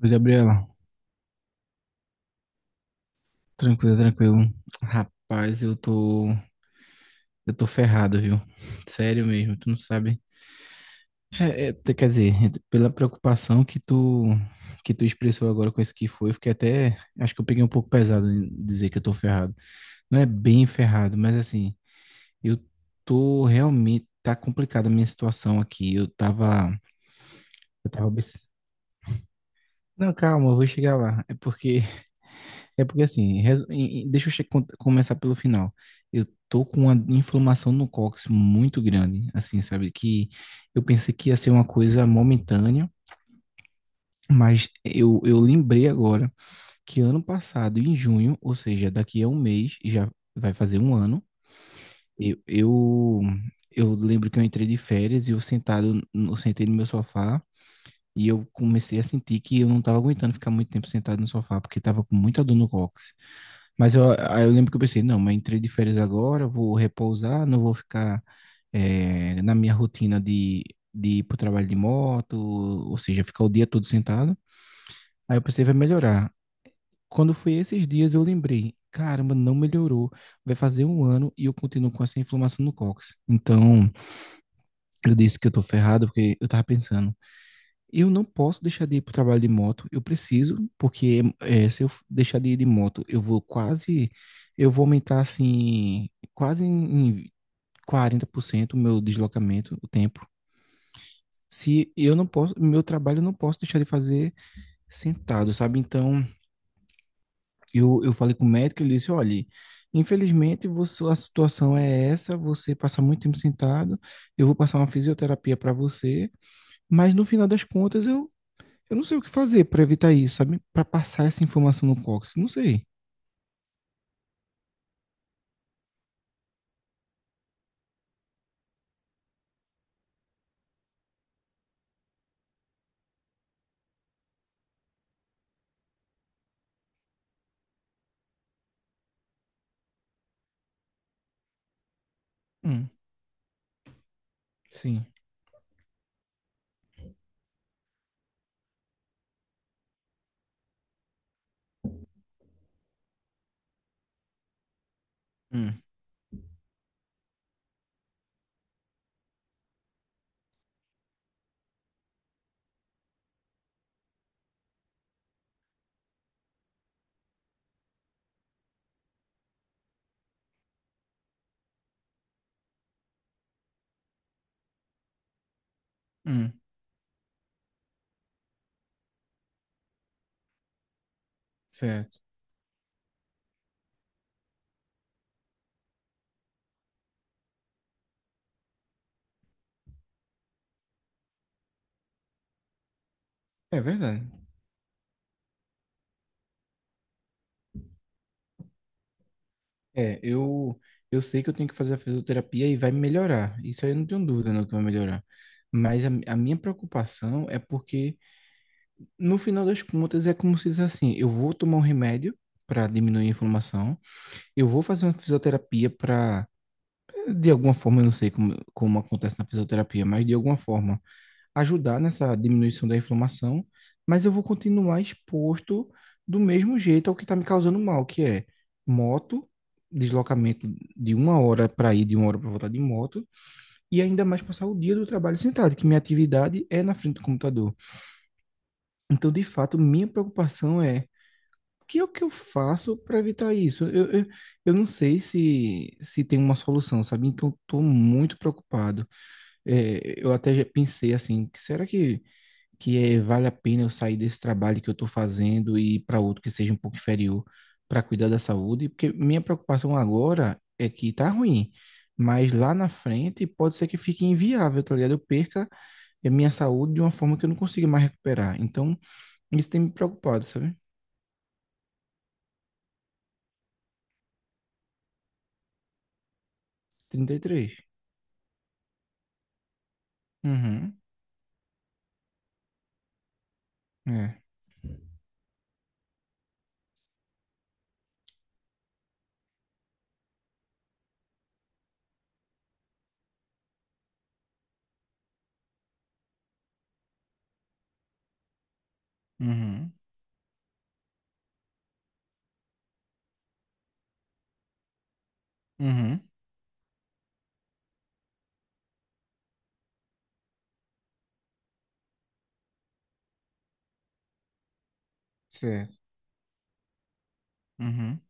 Oi, Gabriela. Tranquilo, tranquilo. Rapaz, eu tô ferrado, viu? Sério mesmo, tu não sabe. Quer dizer, pela preocupação que tu expressou agora com isso que foi, eu fiquei até, acho que eu peguei um pouco pesado em dizer que eu tô ferrado. Não é bem ferrado, mas assim, eu tô realmente, tá complicada a minha situação aqui. Eu tava, obs- não, calma, eu vou chegar lá. É porque assim, resu- em- em- deixa eu che- con- começar pelo final. Eu tô com uma inflamação no cóccix muito grande, assim, sabe? Que eu pensei que ia ser uma coisa momentânea, mas eu lembrei agora que ano passado, em junho, ou seja, daqui a um mês, já vai fazer um ano, eu, eu, eu lembro que eu entrei de férias e eu sentei no meu sofá. E eu comecei a sentir que eu não estava aguentando ficar muito tempo sentado no sofá, porque estava com muita dor no cóccix. Mas aí eu lembro que eu pensei, não, mas entrei de férias agora, vou repousar, não vou ficar na minha rotina de ir para o trabalho de moto, ou seja, ficar o dia todo sentado. Aí eu pensei, vai melhorar. Quando foi esses dias, eu lembrei, caramba, não melhorou. Vai fazer um ano e eu continuo com essa inflamação no cóccix. Então, eu disse que eu tô ferrado, porque eu tava pensando. Eu não posso deixar de ir para o trabalho de moto. Eu preciso, porque se eu deixar de ir de moto, eu vou quase, eu vou aumentar assim, quase em 40% o meu deslocamento, o tempo. Se eu não posso, meu trabalho eu não posso deixar de fazer sentado, sabe? Então, eu falei com o médico, ele disse, olha, infelizmente você, a situação é essa, você passa muito tempo sentado, eu vou passar uma fisioterapia para você, mas no final das contas eu não sei o que fazer para evitar isso, sabe? Para passar essa informação no Cox. Não sei. Hum, sim. Hum, hum, certo. É verdade. É, eu sei que eu tenho que fazer a fisioterapia e vai melhorar. Isso aí eu não tenho dúvida não que vai melhorar. Mas a minha preocupação é porque, no final das contas, é como se diz assim: eu vou tomar um remédio para diminuir a inflamação, eu vou fazer uma fisioterapia para. De alguma forma, eu não sei como, como acontece na fisioterapia, mas de alguma forma ajudar nessa diminuição da inflamação, mas eu vou continuar exposto do mesmo jeito ao que está me causando mal, que é moto, deslocamento de uma hora para ir, de uma hora para voltar de moto, e ainda mais passar o dia do trabalho sentado, que minha atividade é na frente do computador. Então, de fato, minha preocupação é o que eu faço para evitar isso? Eu não sei se tem uma solução, sabe? Então, estou muito preocupado. É, eu até já pensei assim, que será que vale a pena eu sair desse trabalho que eu estou fazendo e ir para outro que seja um pouco inferior para cuidar da saúde, porque minha preocupação agora é que tá ruim, mas lá na frente pode ser que fique inviável, tá ligado? Eu perca a minha saúde de uma forma que eu não consiga mais recuperar. Então, isso tem me preocupado, sabe? 33. Uhum. É. Uhum. Uhum. Certo. Uhum.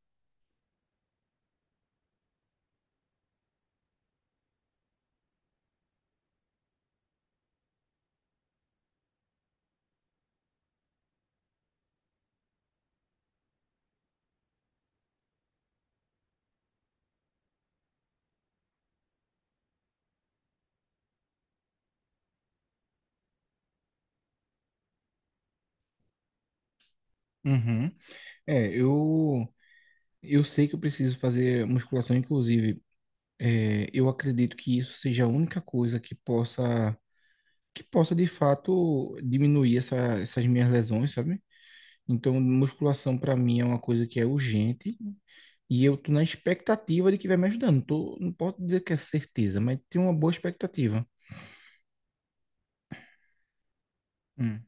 Uhum. É, eu sei que eu preciso fazer musculação, inclusive é, eu acredito que isso seja a única coisa que possa, de fato diminuir essas minhas lesões, sabe? Então, musculação para mim é uma coisa que é urgente e eu tô na expectativa de que vai me ajudando. Tô, não posso dizer que é certeza, mas tenho uma boa expectativa. Hum,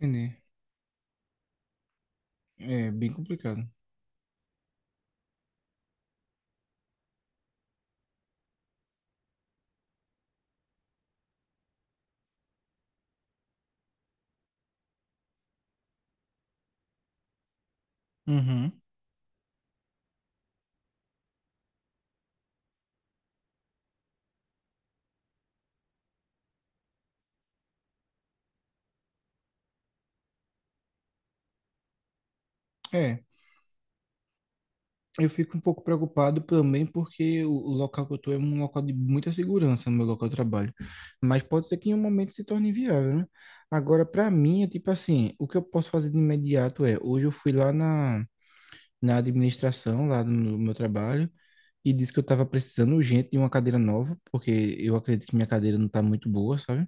entendi. É bem complicado. Uhum. É. Eu fico um pouco preocupado também porque o local que eu estou é um local de muita segurança no meu local de trabalho. Mas pode ser que em um momento se torne inviável, né? Agora, para mim, é tipo assim, o que eu posso fazer de imediato é, hoje eu fui lá na, administração, lá no meu trabalho, e disse que eu estava precisando urgente de uma cadeira nova, porque eu acredito que minha cadeira não está muito boa, sabe?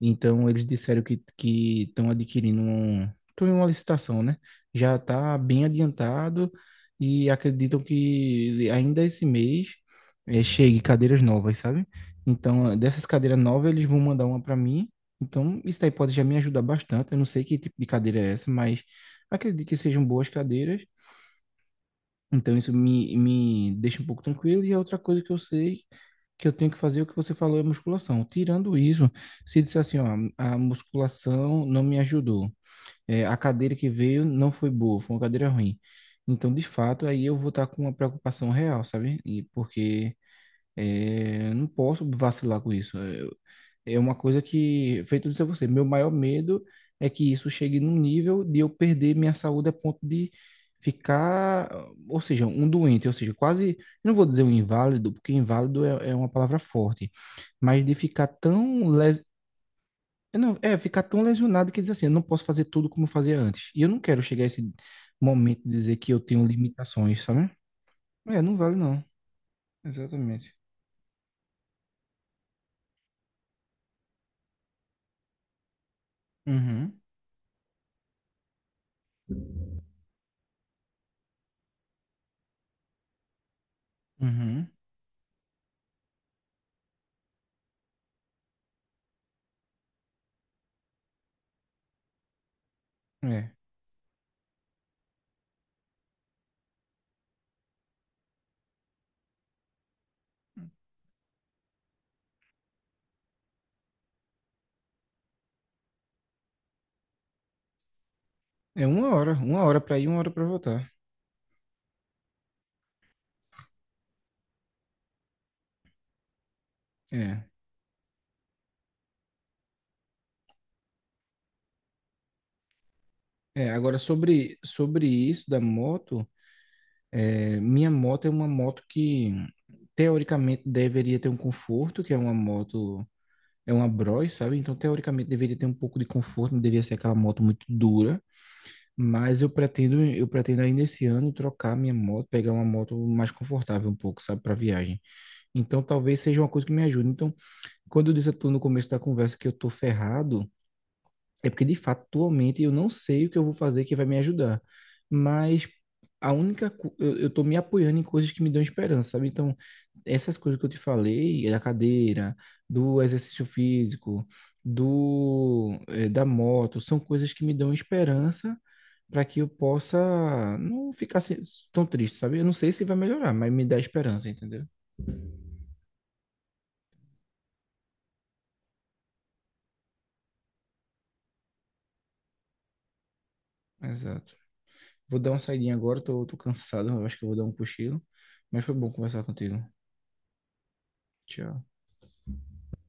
Então eles disseram que estão adquirindo um, estão em uma licitação, né? Já está bem adiantado e acreditam que ainda esse mês chegue cadeiras novas, sabe? Então dessas cadeiras novas eles vão mandar uma para mim. Então isso aí pode já me ajudar bastante. Eu não sei que tipo de cadeira é essa, mas acredito que sejam boas cadeiras então isso me deixa um pouco tranquilo. E a outra coisa que eu sei que eu tenho que fazer, o que você falou, é musculação. Tirando isso, se disser assim, ó, a musculação não me ajudou, é, a cadeira que veio não foi boa, foi uma cadeira ruim. Então, de fato, aí eu vou estar com uma preocupação real, sabe? E porque é, eu não posso vacilar com isso. É uma coisa que, feito isso a você, meu maior medo é que isso chegue num nível de eu perder minha saúde a ponto de ficar, ou seja, um doente, ou seja, quase, eu não vou dizer um inválido, porque inválido é uma palavra forte, mas de não, é, ficar tão lesionado que diz assim, eu não posso fazer tudo como eu fazia antes. E eu não quero chegar a esse momento de dizer que eu tenho limitações, sabe? É, não vale não. Exatamente. Uhum, uhum. É. É uma hora para ir, uma hora para voltar. É. É, agora sobre isso da moto, minha moto é uma moto que teoricamente deveria ter um conforto, que é uma moto, é uma Bros, sabe? Então teoricamente deveria ter um pouco de conforto, não deveria ser aquela moto muito dura, mas eu pretendo ainda esse ano trocar minha moto, pegar uma moto mais confortável um pouco, sabe, para viagem. Então talvez seja uma coisa que me ajude. Então, quando eu disse a tu no começo da conversa que eu tô ferrado, é porque, de fato, atualmente eu não sei o que eu vou fazer que vai me ajudar. Mas a única. Co- eu tô me apoiando em coisas que me dão esperança, sabe? Então, essas coisas que eu te falei, da cadeira, do exercício físico, da moto, são coisas que me dão esperança para que eu possa não ficar tão triste, sabe? Eu não sei se vai melhorar, mas me dá esperança, entendeu? Exato. Vou dar uma saidinha agora, tô cansado, eu acho que eu vou dar um cochilo. Mas foi bom conversar contigo. Tchau.